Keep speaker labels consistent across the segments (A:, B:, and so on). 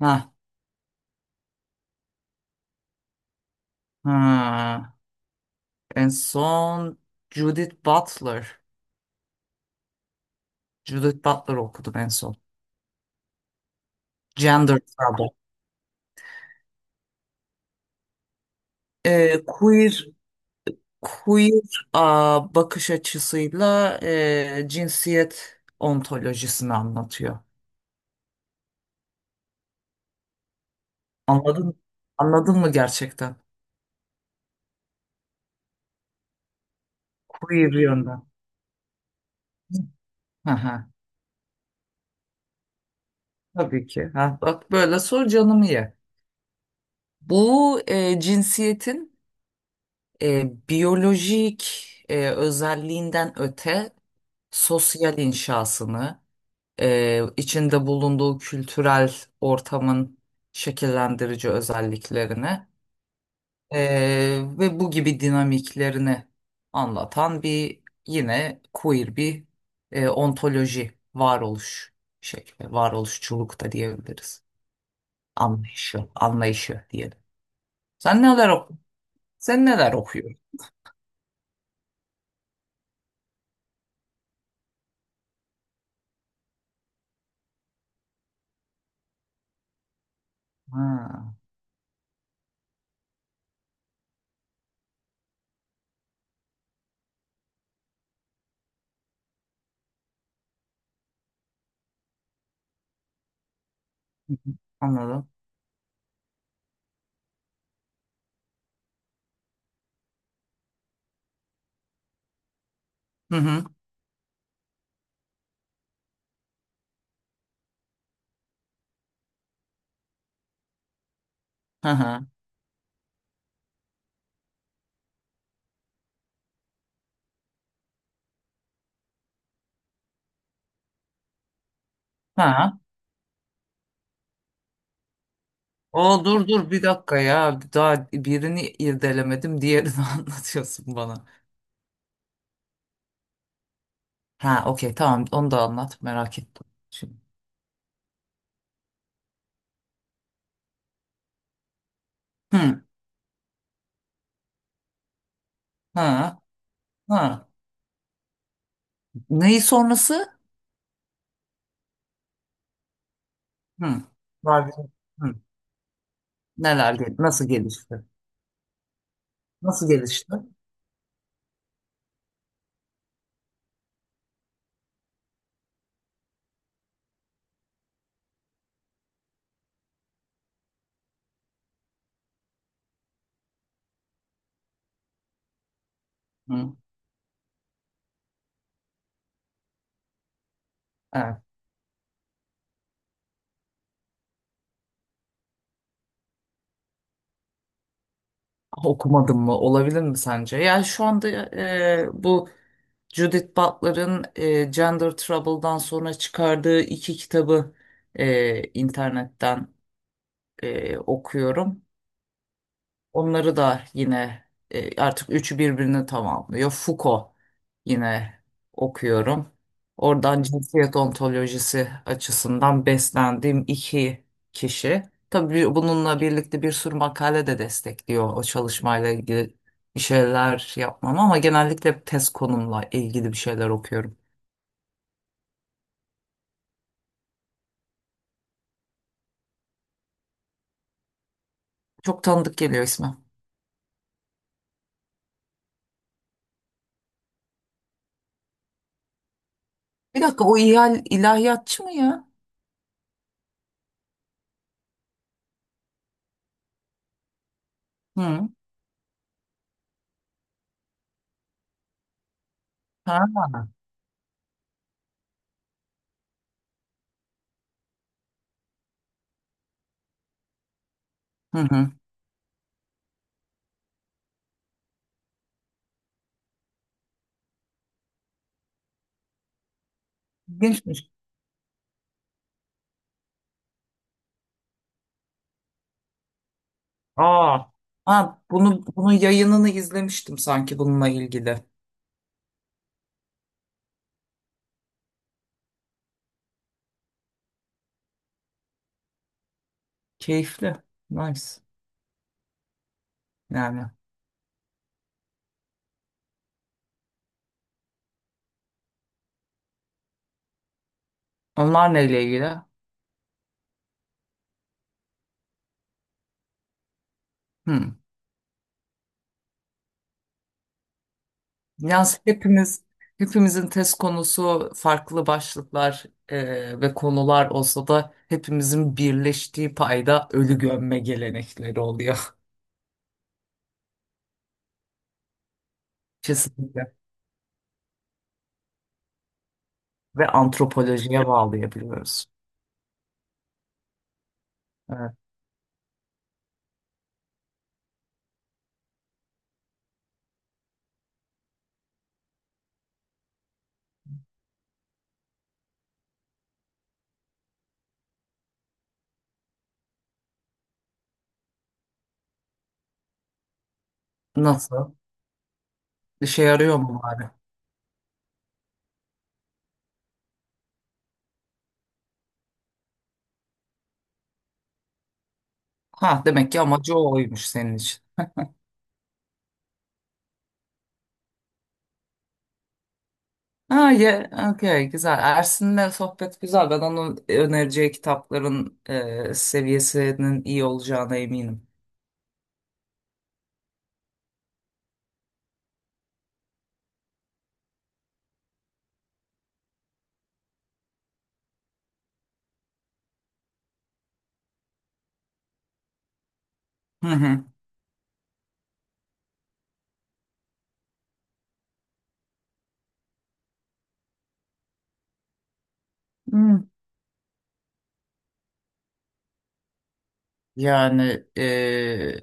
A: Ha, ha. En son Judith Butler. Judith Butler okudum en son. Gender Trouble. Queer queer bakış açısıyla cinsiyet ontolojisini anlatıyor. Anladın? Anladın mı gerçekten? Queer yönden. Hı hı. Tabii ki. Ha, bak böyle sor canımı ye. Bu cinsiyetin biyolojik özelliğinden öte sosyal inşasını, içinde bulunduğu kültürel ortamın şekillendirici özelliklerini e, ve bu gibi dinamiklerini anlatan bir yine queer bir ontoloji varoluş şekli, varoluşçuluk da diyebiliriz. Anlayışı diyelim. Sen neler ok sen neler okuyorsun? Ha, anladım. Hı hı. Hı hı. Ha. O dur bir dakika ya. Daha birini irdelemedim. Diğerini anlatıyorsun bana. Ha, okey, tamam, onu da anlat. Merak ettim. Şimdi. Hı. Ha. Ha. Neyi sonrası? Hı. Var. Hı. Nasıl gelişti? Nasıl gelişti? Hı. Evet. Okumadım mı? Olabilir mi sence? Yani şu anda bu Judith Butler'ın Gender Trouble'dan sonra çıkardığı iki kitabı internetten okuyorum. Onları da yine artık üçü birbirini tamamlıyor. Foucault yine okuyorum. Oradan cinsiyet ontolojisi açısından beslendiğim iki kişi. Tabii bununla birlikte bir sürü makale de destekliyor o çalışmayla ilgili bir şeyler yapmam ama genellikle hep tez konumla ilgili bir şeyler okuyorum. Çok tanıdık geliyor ismi. Bir dakika, o ilahiyatçı mı ya? Hı. Ha? Hı hı. İlginçmiş. Aa, ha, bunun yayınını izlemiştim sanki bununla ilgili. Keyifli. Nice. Yani. Onlar neyle ilgili? Hmm. Yani hepimiz hepimizin test konusu farklı başlıklar ve konular olsa da hepimizin birleştiği payda ölü gömme gelenekleri oluyor. Kesinlikle. Ve antropolojiye bağlayabiliyoruz. Evet. Nasıl? İşe yarıyor mu bari? Ha, demek ki amacı oymuş senin için. Ha, ye, okey, güzel. Ersin'le sohbet güzel. Ben onun önereceği kitapların seviyesinin iyi olacağına eminim. Hı hı. Hı. Yani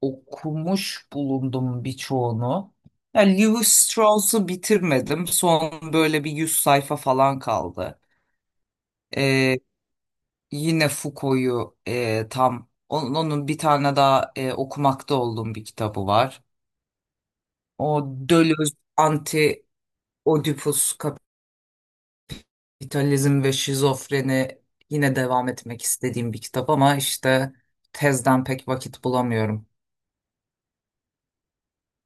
A: okumuş bulundum birçoğunu. Ya, Lewis Strauss'u bitirmedim. Son böyle bir 100 sayfa falan kaldı. E, yine Foucault'u tam onun bir tane daha okumakta olduğum bir kitabı var. O Deleuze Anti Oedipus İdealizm ve Şizofreni yine devam etmek istediğim bir kitap ama işte tezden pek vakit bulamıyorum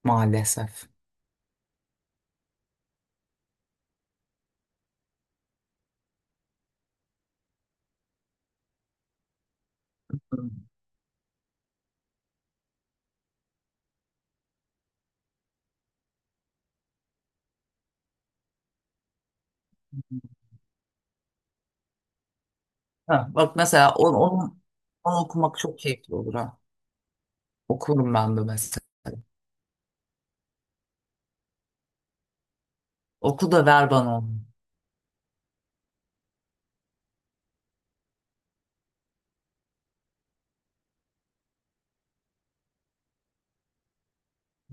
A: maalesef. Ha, bak mesela onu okumak çok keyifli olur ha. Okurum ben de mesela. Oku da ver bana onu.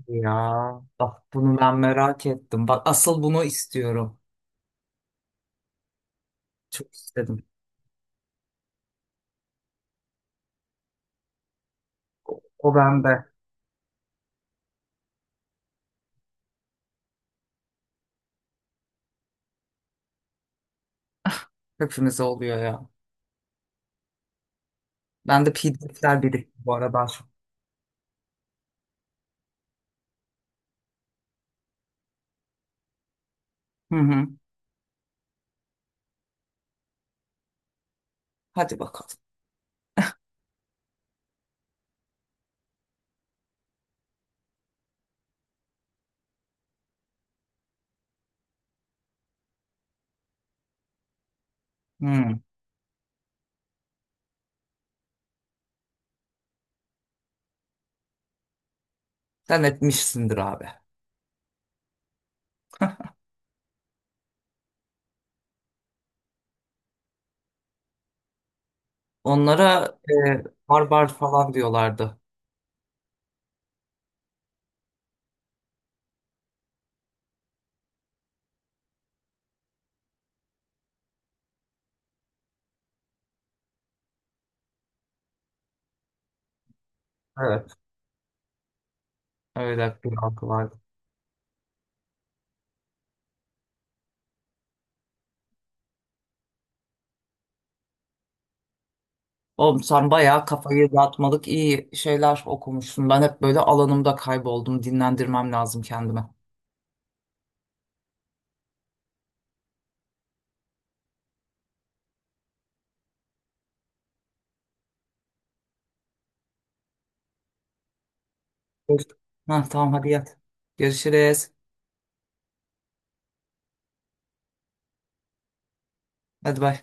A: Ya, bak bunu ben merak ettim. Bak asıl bunu istiyorum. Çok istedim. O bende. Hepimize oluyor ya. Ben de PDF'ler birikti bu arada. Hı hı. Hadi bakalım. Hı. Sen etmişsindir abi. Onlara e, barbar falan diyorlardı. Evet. Öyle bir halkı vardı. Oğlum, sen bayağı kafayı dağıtmalık iyi şeyler okumuşsun. Ben hep böyle alanımda kayboldum. Dinlendirmem lazım kendime. Evet. Ha, tamam, hadi yat. Görüşürüz. Hadi bay.